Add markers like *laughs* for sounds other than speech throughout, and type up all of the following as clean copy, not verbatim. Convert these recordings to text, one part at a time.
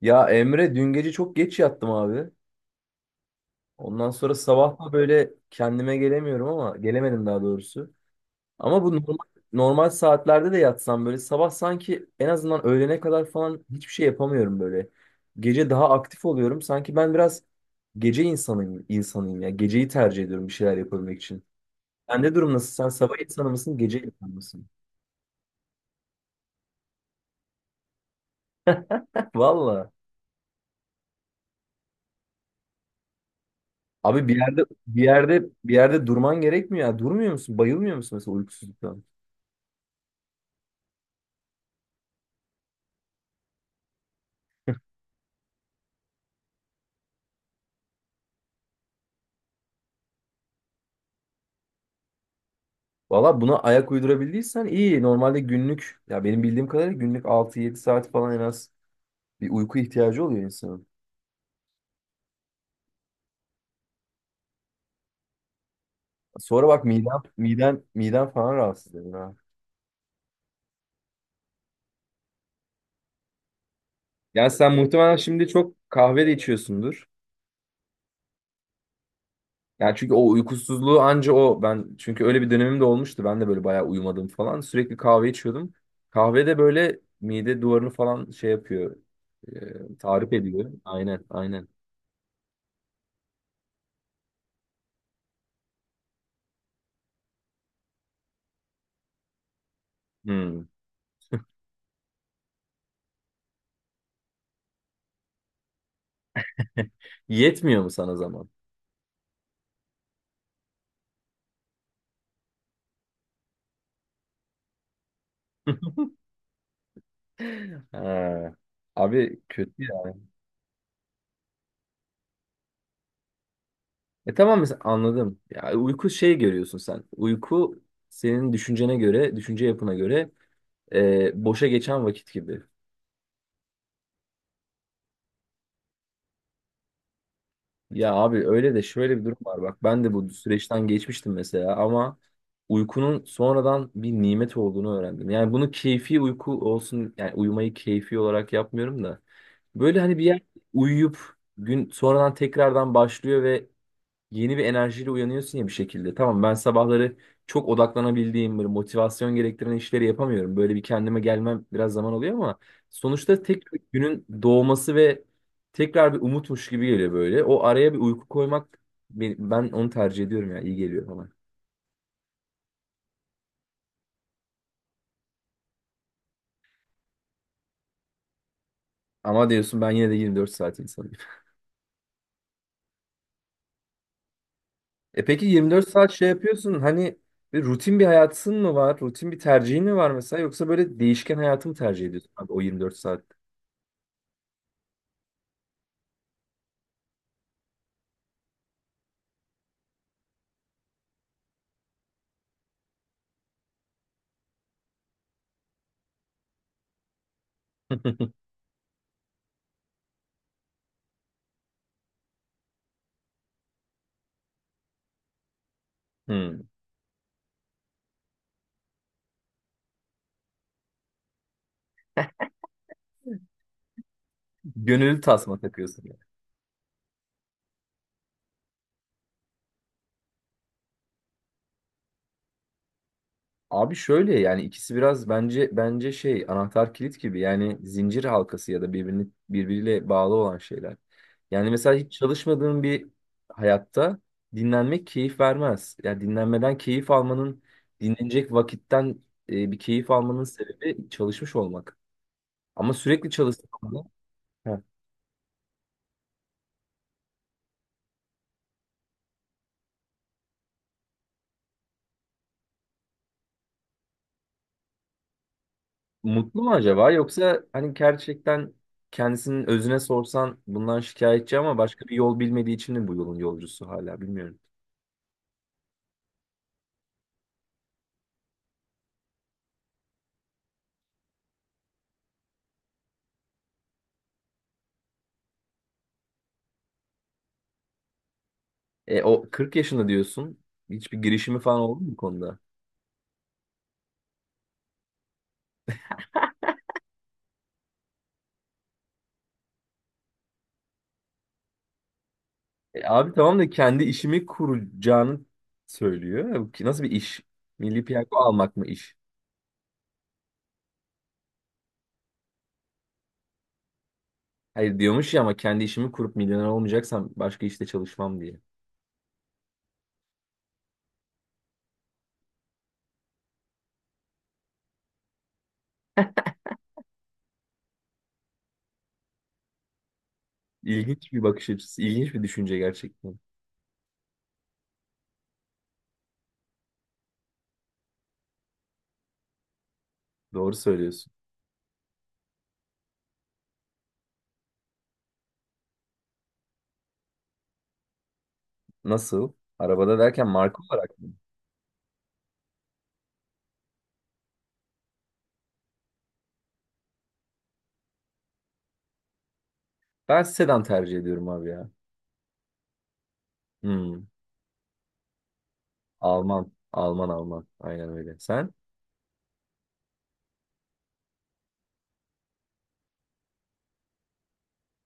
Ya Emre dün gece çok geç yattım abi. Ondan sonra sabah da böyle kendime gelemiyorum ama gelemedim daha doğrusu. Ama bu normal, normal saatlerde de yatsam böyle sabah sanki en azından öğlene kadar falan hiçbir şey yapamıyorum böyle. Gece daha aktif oluyorum. Sanki ben biraz gece insanıyım, insanıyım ya. Geceyi tercih ediyorum bir şeyler yapabilmek için. Sende durum nasıl? Sen sabah insanı mısın, gece insanı mısın? Valla. Abi bir yerde durman gerekmiyor ya. Durmuyor musun? Bayılmıyor musun mesela uykusuzluktan? Valla buna ayak uydurabildiysen iyi. Normalde günlük ya benim bildiğim kadarıyla günlük altı yedi saat falan en az bir uyku ihtiyacı oluyor insanın. Sonra bak miden falan rahatsız ediyor ha. Yani sen muhtemelen şimdi çok kahve de içiyorsundur. Yani çünkü o uykusuzluğu anca o ben çünkü öyle bir dönemim de olmuştu. Ben de böyle bayağı uyumadım falan. Sürekli kahve içiyordum. Kahve de böyle mide duvarını falan şey yapıyor. Tarif ediyor. Aynen, aynen. Hmm. *laughs* Yetmiyor mu sana zaman? *laughs* Ha. Abi kötü ya. E tamam mesela anladım. Ya uyku şey görüyorsun sen. Uyku senin düşüncene göre, düşünce yapına göre, boşa geçen vakit gibi. Ya abi öyle de şöyle bir durum var bak. Ben de bu süreçten geçmiştim mesela ama uykunun sonradan bir nimet olduğunu öğrendim. Yani bunu keyfi uyku olsun yani uyumayı keyfi olarak yapmıyorum da. Böyle hani bir yer uyuyup gün sonradan tekrardan başlıyor ve yeni bir enerjiyle uyanıyorsun ya bir şekilde. Tamam ben sabahları çok odaklanabildiğim böyle motivasyon gerektiren işleri yapamıyorum. Böyle bir kendime gelmem biraz zaman oluyor ama sonuçta tek bir günün doğması ve tekrar bir umutmuş gibi geliyor böyle. O araya bir uyku koymak ben onu tercih ediyorum ya iyi geliyor bana. Ama diyorsun ben yine de 24 saat insanıyım. *laughs* E peki 24 saat şey yapıyorsun hani bir rutin bir hayatın mı var? Rutin bir tercihin mi var mesela yoksa böyle değişken hayatı mı tercih ediyorsun abi o 24 saat? *laughs* Hmm. Gönüllü tasma takıyorsun yani. Abi şöyle yani ikisi biraz bence şey anahtar kilit gibi yani zincir halkası ya da birbirini birbiriyle bağlı olan şeyler. Yani mesela hiç çalışmadığın bir hayatta dinlenmek keyif vermez. Yani dinlenmeden keyif almanın dinlenecek vakitten, bir keyif almanın sebebi çalışmış olmak. Ama sürekli çalıştığında he. Mutlu mu acaba yoksa hani gerçekten kendisinin özüne sorsan bundan şikayetçi ama başka bir yol bilmediği için mi bu yolun yolcusu hala bilmiyorum. E, o 40 yaşında diyorsun. Hiçbir girişimi falan oldu mu bu konuda? E, abi tamam da kendi işimi kuracağını söylüyor. Nasıl bir iş? Milli piyango almak mı iş? Hayır diyormuş ya ama kendi işimi kurup milyoner olmayacaksam başka işte çalışmam diye. İlginç bir bakış açısı, ilginç bir düşünce gerçekten. Doğru söylüyorsun. Nasıl? Arabada derken marka olarak. Ben sedan tercih ediyorum abi ya. Hmm. Alman. Alman. Aynen öyle. Sen?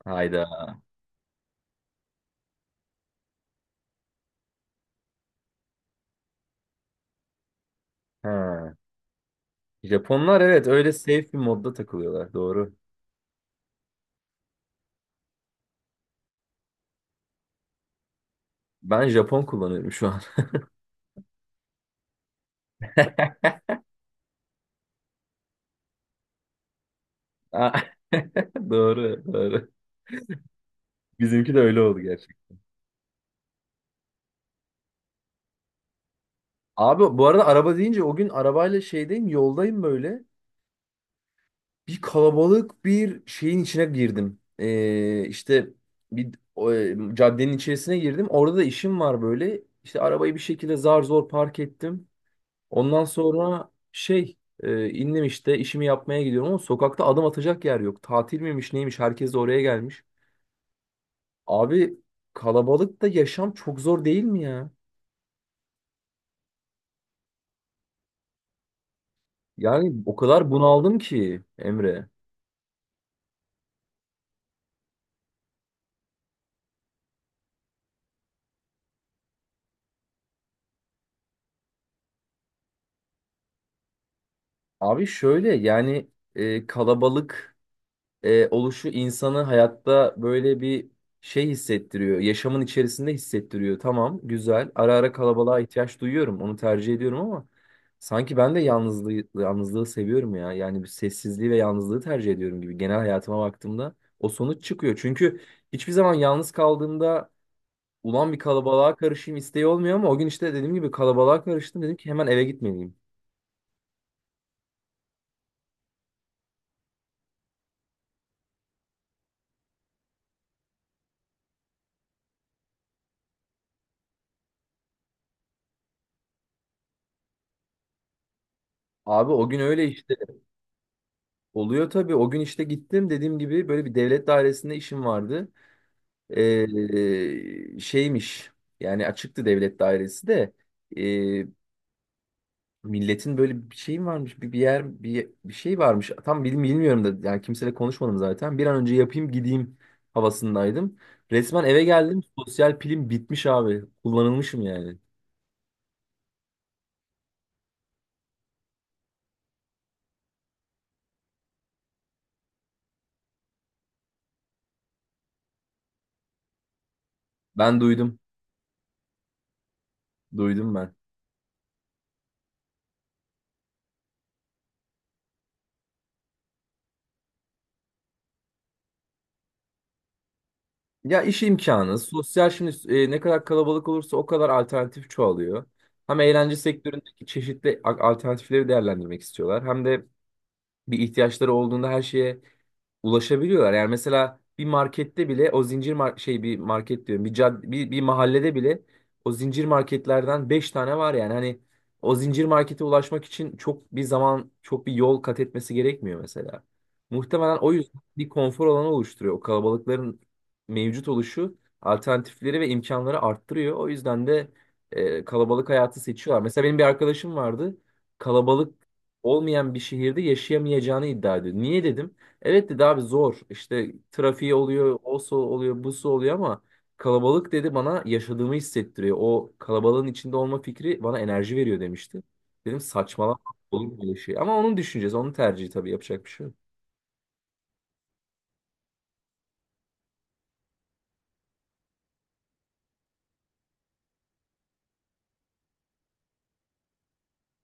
Hayda. Ha. Japonlar evet öyle safe bir modda takılıyorlar. Doğru. Ben Japon kullanıyorum şu an. *laughs* Aa, *laughs* Doğru. Bizimki de öyle oldu gerçekten. Abi bu arada araba deyince o gün arabayla şeydeyim yoldayım böyle. Bir kalabalık bir şeyin içine girdim. İşte caddenin içerisine girdim. Orada da işim var böyle. İşte arabayı bir şekilde zar zor park ettim. Ondan sonra indim işte işimi yapmaya gidiyorum ama sokakta adım atacak yer yok. Tatil miymiş neymiş herkes de oraya gelmiş. Abi kalabalıkta yaşam çok zor değil mi ya? Yani o kadar bunaldım ki Emre. Abi şöyle yani kalabalık oluşu insanı hayatta böyle bir şey hissettiriyor. Yaşamın içerisinde hissettiriyor. Tamam, güzel. Ara ara kalabalığa ihtiyaç duyuyorum. Onu tercih ediyorum ama sanki ben de yalnızlığı seviyorum ya. Yani bir sessizliği ve yalnızlığı tercih ediyorum gibi. Genel hayatıma baktığımda o sonuç çıkıyor. Çünkü hiçbir zaman yalnız kaldığımda ulan bir kalabalığa karışayım isteği olmuyor ama o gün işte dediğim gibi kalabalığa karıştım. Dedim ki hemen eve gitmeliyim. Abi o gün öyle işte oluyor tabii. O gün işte gittim dediğim gibi böyle bir devlet dairesinde işim vardı. Şeymiş yani açıktı devlet dairesi de ee, milletin böyle bir şey mi varmış bir yer bir şey varmış tam bilmiyorum da yani kimseyle konuşmadım zaten bir an önce yapayım gideyim havasındaydım. Resmen eve geldim sosyal pilim bitmiş abi kullanılmışım yani ben duydum ben. Ya iş imkanı sosyal şimdi ne kadar kalabalık olursa o kadar alternatif çoğalıyor. Hem eğlence sektöründeki çeşitli alternatifleri değerlendirmek istiyorlar hem de bir ihtiyaçları olduğunda her şeye ulaşabiliyorlar. Yani mesela bir markette bile o zincir mar- şey bir market diyorum bir mahallede bile o zincir marketlerden 5 tane var yani hani o zincir markete ulaşmak için çok bir zaman çok bir yol kat etmesi gerekmiyor mesela. Muhtemelen o yüzden bir konfor alanı oluşturuyor. O kalabalıkların mevcut oluşu alternatifleri ve imkanları arttırıyor. O yüzden de kalabalık hayatı seçiyorlar. Mesela benim bir arkadaşım vardı. Kalabalık olmayan bir şehirde yaşayamayacağını iddia ediyor. Niye dedim. Evet dedi abi zor. İşte trafiği oluyor, osu oluyor, busu oluyor ama kalabalık dedi bana yaşadığımı hissettiriyor. O kalabalığın içinde olma fikri bana enerji veriyor demişti. Dedim saçmalama olur mu böyle şey. Ama onun düşüncesi, onun tercihi tabii yapacak bir şey yok.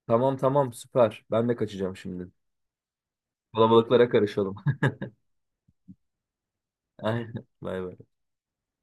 Tamam süper. Ben de kaçacağım şimdi. Kalabalıklara karışalım. *laughs* Aynen. Bay bay.